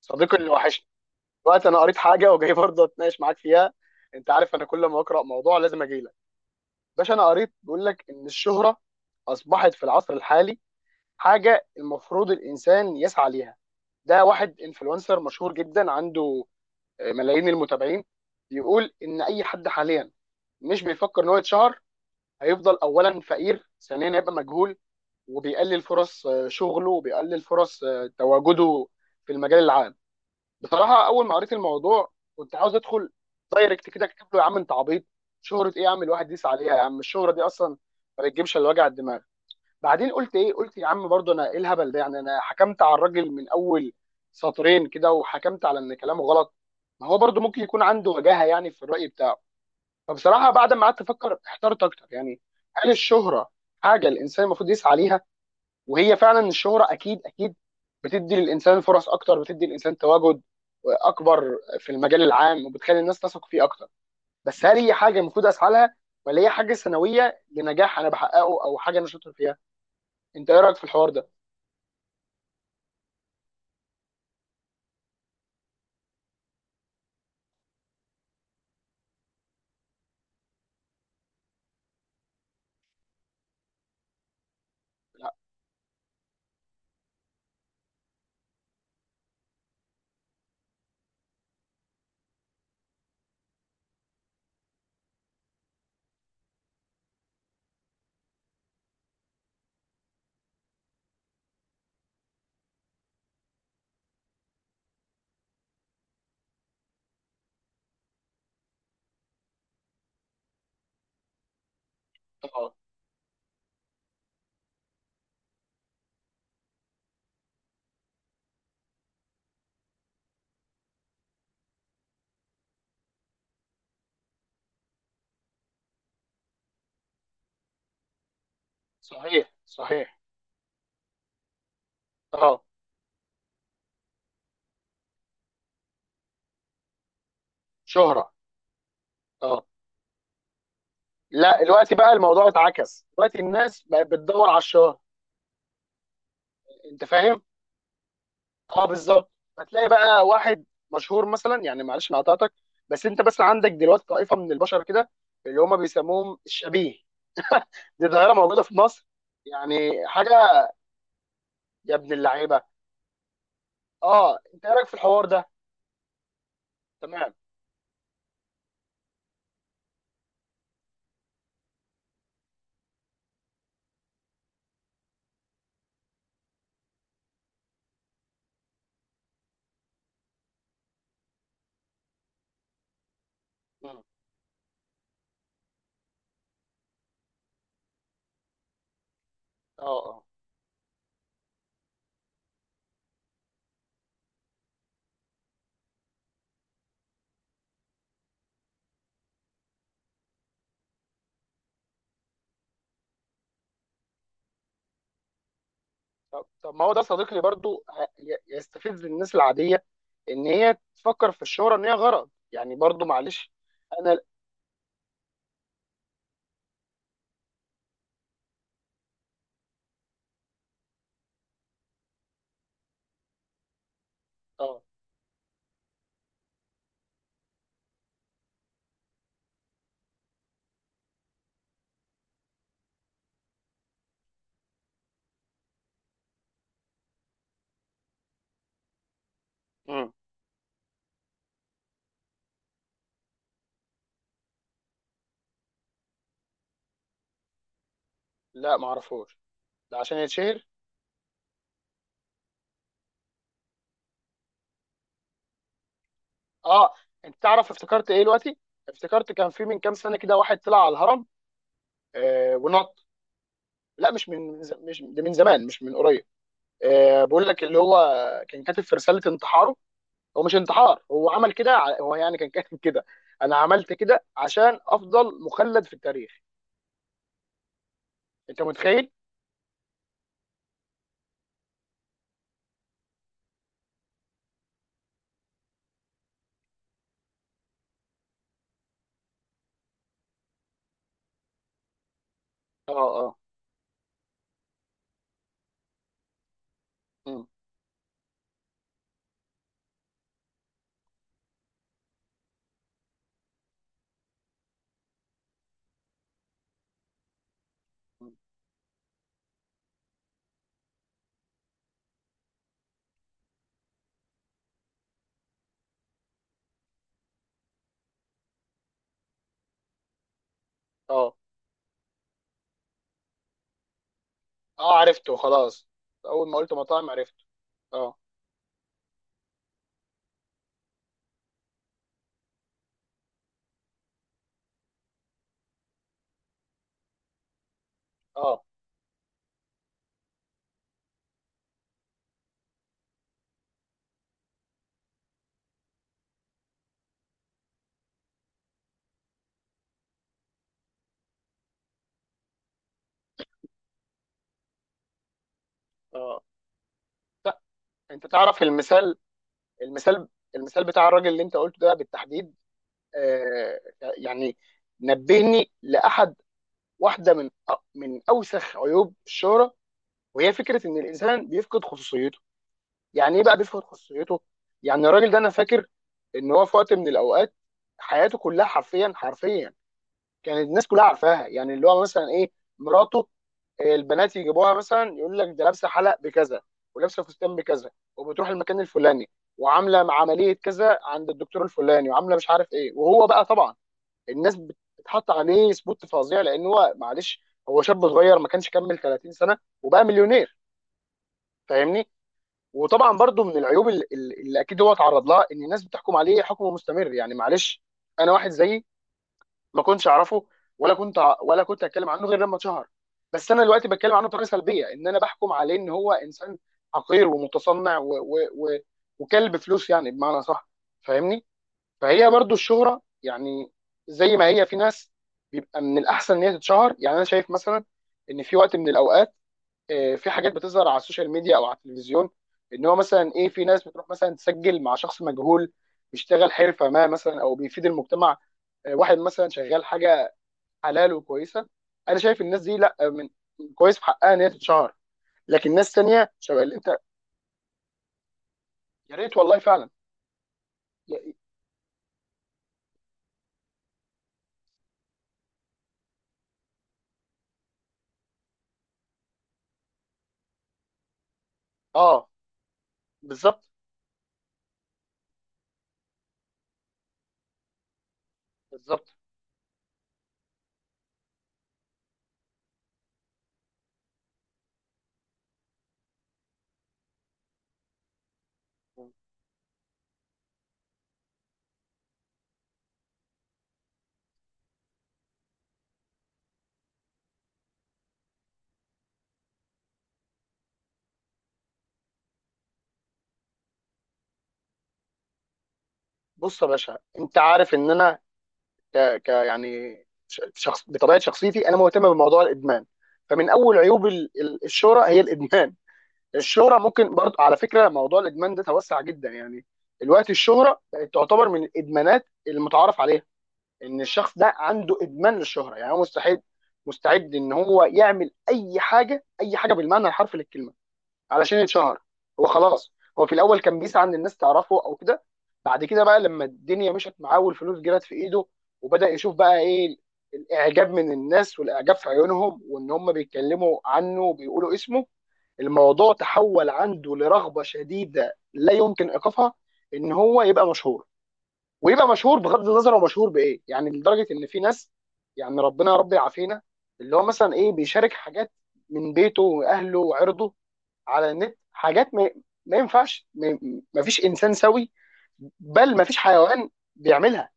صديقي اللي وحشني. دلوقتي انا قريت حاجه وجاي برضه اتناقش معاك فيها. انت عارف انا كل ما اقرا موضوع لازم اجي لك، باشا. انا قريت بيقول لك ان الشهره اصبحت في العصر الحالي حاجه المفروض الانسان يسعى ليها. ده واحد انفلونسر مشهور جدا عنده ملايين المتابعين. بيقول ان اي حد حاليا مش بيفكر ان هو يتشهر هيفضل اولا فقير، ثانيا هيبقى مجهول، وبيقلل فرص شغله، وبيقلل فرص تواجده في المجال العام. بصراحه اول ما قريت الموضوع كنت عاوز ادخل دايركت كده اكتب له: يا عم انت عبيط، شهره ايه يا عم الواحد يسعى عليها؟ يا عم الشهره دي اصلا ما بتجيبش الا وجع الدماغ. بعدين قلت ايه؟ قلت يا عم برضه، انا ايه الهبل ده؟ يعني انا حكمت على الراجل من اول سطرين كده وحكمت على ان كلامه غلط. ما هو برضه ممكن يكون عنده وجاهه يعني في الراي بتاعه. فبصراحه بعد ما قعدت افكر احترت اكتر يعني. هل الشهره حاجه الانسان المفروض يسعى ليها؟ وهي فعلا الشهرة اكيد اكيد بتدي للانسان فرص اكتر، بتدي للانسان تواجد اكبر في المجال العام وبتخلي الناس تثق فيه اكتر. بس هل هي حاجه المفروض اسعى لها، ولا هي حاجه ثانويه لنجاح انا بحققه او حاجه انا شاطر فيها؟ انت ايه رايك في الحوار ده؟ لا. اه. صحيح صحيح. اه. شهره. اه. لا، دلوقتي بقى الموضوع اتعكس، دلوقتي الناس بقت بتدور على الشهره. انت فاهم. اه بالظبط. هتلاقي بقى واحد مشهور مثلا، يعني معلش انا قطعتك، بس انت بس عندك دلوقتي طائفه من البشر كده اللي هم بيسموهم الشبيه. دي ظاهره موجوده في مصر. يعني حاجه. يا ابن اللعيبه. اه، انت ايه رايك في الحوار ده؟ تمام. مم. اه. اه. طب طب، ما هو ده صديقي برضو يستفز الناس العاديه ان هي تفكر في الشهره، ان هي غرض يعني. برضو معلش. انا. اه. مم. لا معرفوش. ده عشان يتشهر. اه، انت تعرف افتكرت ايه دلوقتي؟ افتكرت كان في من كام سنه كده واحد طلع على الهرم ونط. لا، مش من مش ده من زمان، مش من قريب. بقول لك اللي هو كان كاتب في رساله انتحاره. هو مش انتحار، هو عمل كده، هو يعني كان كاتب كده: انا عملت كده عشان افضل مخلد في التاريخ. انت متخيل؟ اه. اه. مم، مم. اه. اه عرفته خلاص، اول ما قلت مطاعم عرفته. اه. اه. اه. لا. انت تعرف المثال، المثال، المثال بتاع الراجل اللي انت قلته ده بالتحديد، آه، يعني نبهني لاحد. واحده من من اوسخ عيوب الشهره، وهي فكره ان الانسان بيفقد خصوصيته. يعني ايه بقى بيفقد خصوصيته؟ يعني الراجل ده انا فاكر ان هو في وقت من الاوقات حياته كلها حرفيا حرفيا كانت الناس كلها عارفاها. يعني اللي هو مثلا ايه؟ مراته، البنات يجيبوها مثلا، يقول لك ده لابسه حلق بكذا ولابسه فستان بكذا وبتروح المكان الفلاني وعامله عمليه كذا عند الدكتور الفلاني وعامله مش عارف ايه. وهو بقى طبعا الناس بتحط عليه سبوت فظيع، لان هو معلش هو شاب صغير ما كانش كمل 30 سنه وبقى مليونير. فاهمني. وطبعا برضو من العيوب اللي اكيد هو اتعرض لها ان الناس بتحكم عليه حكم مستمر. يعني معلش انا واحد زيي ما كنتش اعرفه، ولا كنت ولا كنت اتكلم عنه غير لما اتشهر. بس انا دلوقتي بتكلم عنه بطريقه سلبيه، ان انا بحكم عليه ان هو انسان حقير ومتصنع و وكلب فلوس يعني، بمعنى صح. فاهمني. فهي برضو الشهرة يعني، زي ما هي في ناس بيبقى من الأحسن إن هي تتشهر. يعني أنا شايف مثلا إن في وقت من الأوقات في حاجات بتظهر على السوشيال ميديا أو على التلفزيون، إن هو مثلا إيه، في ناس بتروح مثلا تسجل مع شخص مجهول بيشتغل حرفة ما مثلا أو بيفيد المجتمع. واحد مثلا شغال حاجة حلال وكويسة. أنا شايف الناس دي لا، من كويس في حقها إن هي تتشهر. لكن ناس تانية شبه اللي أنت. يا ريت والله فعلا يا- آه. بالظبط. بالظبط. بص يا باشا، انت عارف ان انا ك... ك يعني شخص بطبيعه شخصيتي انا مهتم بموضوع الادمان. فمن اول عيوب الشهره هي الادمان. الشهره ممكن برضه، على فكره، موضوع الادمان ده توسع جدا يعني. دلوقتي الشهره بقت تعتبر من الادمانات المتعارف عليها، ان الشخص ده عنده ادمان للشهره. يعني هو مستعد، مستعد ان هو يعمل اي حاجه، اي حاجه بالمعنى الحرفي للكلمه، علشان يتشهر. هو خلاص. هو في الاول كان بيسعى ان الناس تعرفه او كده. بعد كده بقى لما الدنيا مشت معاه والفلوس جرت في ايده وبدأ يشوف بقى ايه الاعجاب من الناس والاعجاب في عيونهم وان هم بيتكلموا عنه وبيقولوا اسمه، الموضوع تحول عنده لرغبة شديدة لا يمكن ايقافها ان هو يبقى مشهور، ويبقى مشهور بغض النظر هو مشهور بايه يعني. لدرجة ان في ناس، يعني ربنا يا رب يعافينا، اللي هو مثلا ايه، بيشارك حاجات من بيته واهله وعرضه على النت. حاجات ما ينفعش، ما فيش انسان سوي، بل ما فيش حيوان بيعملها.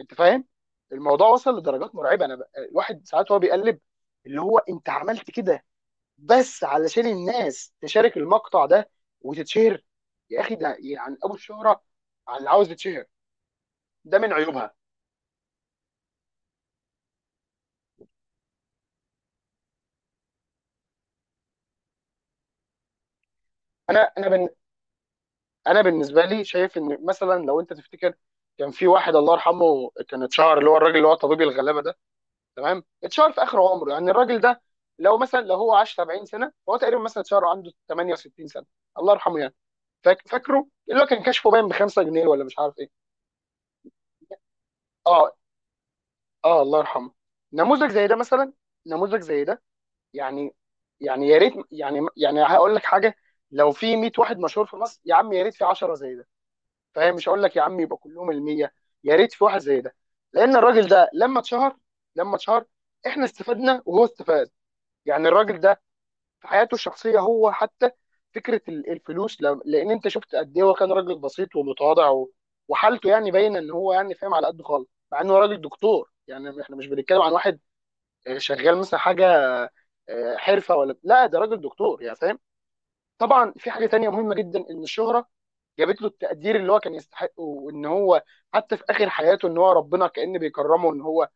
انت فاهم. الموضوع وصل لدرجات مرعبه. الواحد ساعات هو بيقلب، اللي هو انت عملت كده بس علشان الناس تشارك المقطع ده وتتشهر. يا اخي ده يعني ابو الشهره على اللي عاوز يتشهر. ده من عيوبها. انا انا بن... انا بالنسبه لي شايف ان مثلا، لو انت تفتكر، كان في واحد الله يرحمه كان اتشهر، اللي هو الراجل اللي هو طبيب الغلابه ده. تمام، اتشهر في اخر عمره يعني الراجل ده. لو مثلا لو هو عاش 70 سنه فهو تقريبا مثلا اتشهر عنده 68 سنه، الله يرحمه يعني. فاكره اللي هو كان كشفه باين ب 5 جنيه ولا مش عارف ايه. اه. اه الله يرحمه. نموذج زي ده مثلا. نموذج زي ده يعني. يعني يا ريت، يعني هقول لك حاجه، لو في 100 واحد مشهور في مصر يا عم، يا ريت في 10 زي ده. فاهم، مش هقول لك يا عم يبقى كلهم ال 100، يا ريت في واحد زي ده. لان الراجل ده لما اتشهر، لما اتشهر احنا استفدنا وهو استفاد. يعني الراجل في حياته الشخصيه هو حتى فكره الفلوس، لان انت شفت قد ايه هو كان راجل بسيط ومتواضع وحالته يعني باينه ان هو يعني فاهم، على قد خالص، مع انه راجل دكتور. يعني احنا مش بنتكلم عن واحد شغال مثلا حاجه حرفه ولا لا، ده راجل دكتور يعني فاهم. طبعا في حاجه تانيه مهمه جدا، ان الشهره جابت له التقدير اللي هو كان يستحقه، وان هو حتى في اخر حياته ان هو ربنا كأن بيكرمه، ان هو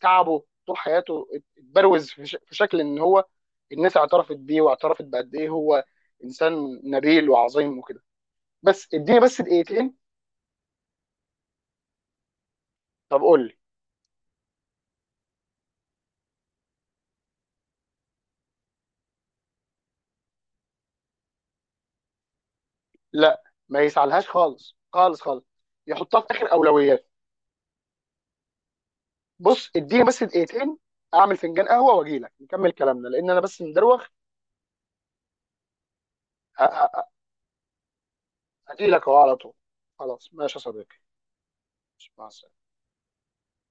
تعبه طول حياته اتبروز في شكل ان هو الناس اعترفت بيه واعترفت بقد ايه هو انسان نبيل وعظيم وكده. بس اديني بس دقيقتين. طب قول لي. لا. ما يسعلهاش خالص خالص خالص، يحطها في اخر اولويات. بص اديني بس دقيقتين، اعمل فنجان قهوه واجي لك نكمل كلامنا، لان انا بس مدروخ. هجي لك اهو على طول. خلاص ماشي يا صديقي. مع السلامه.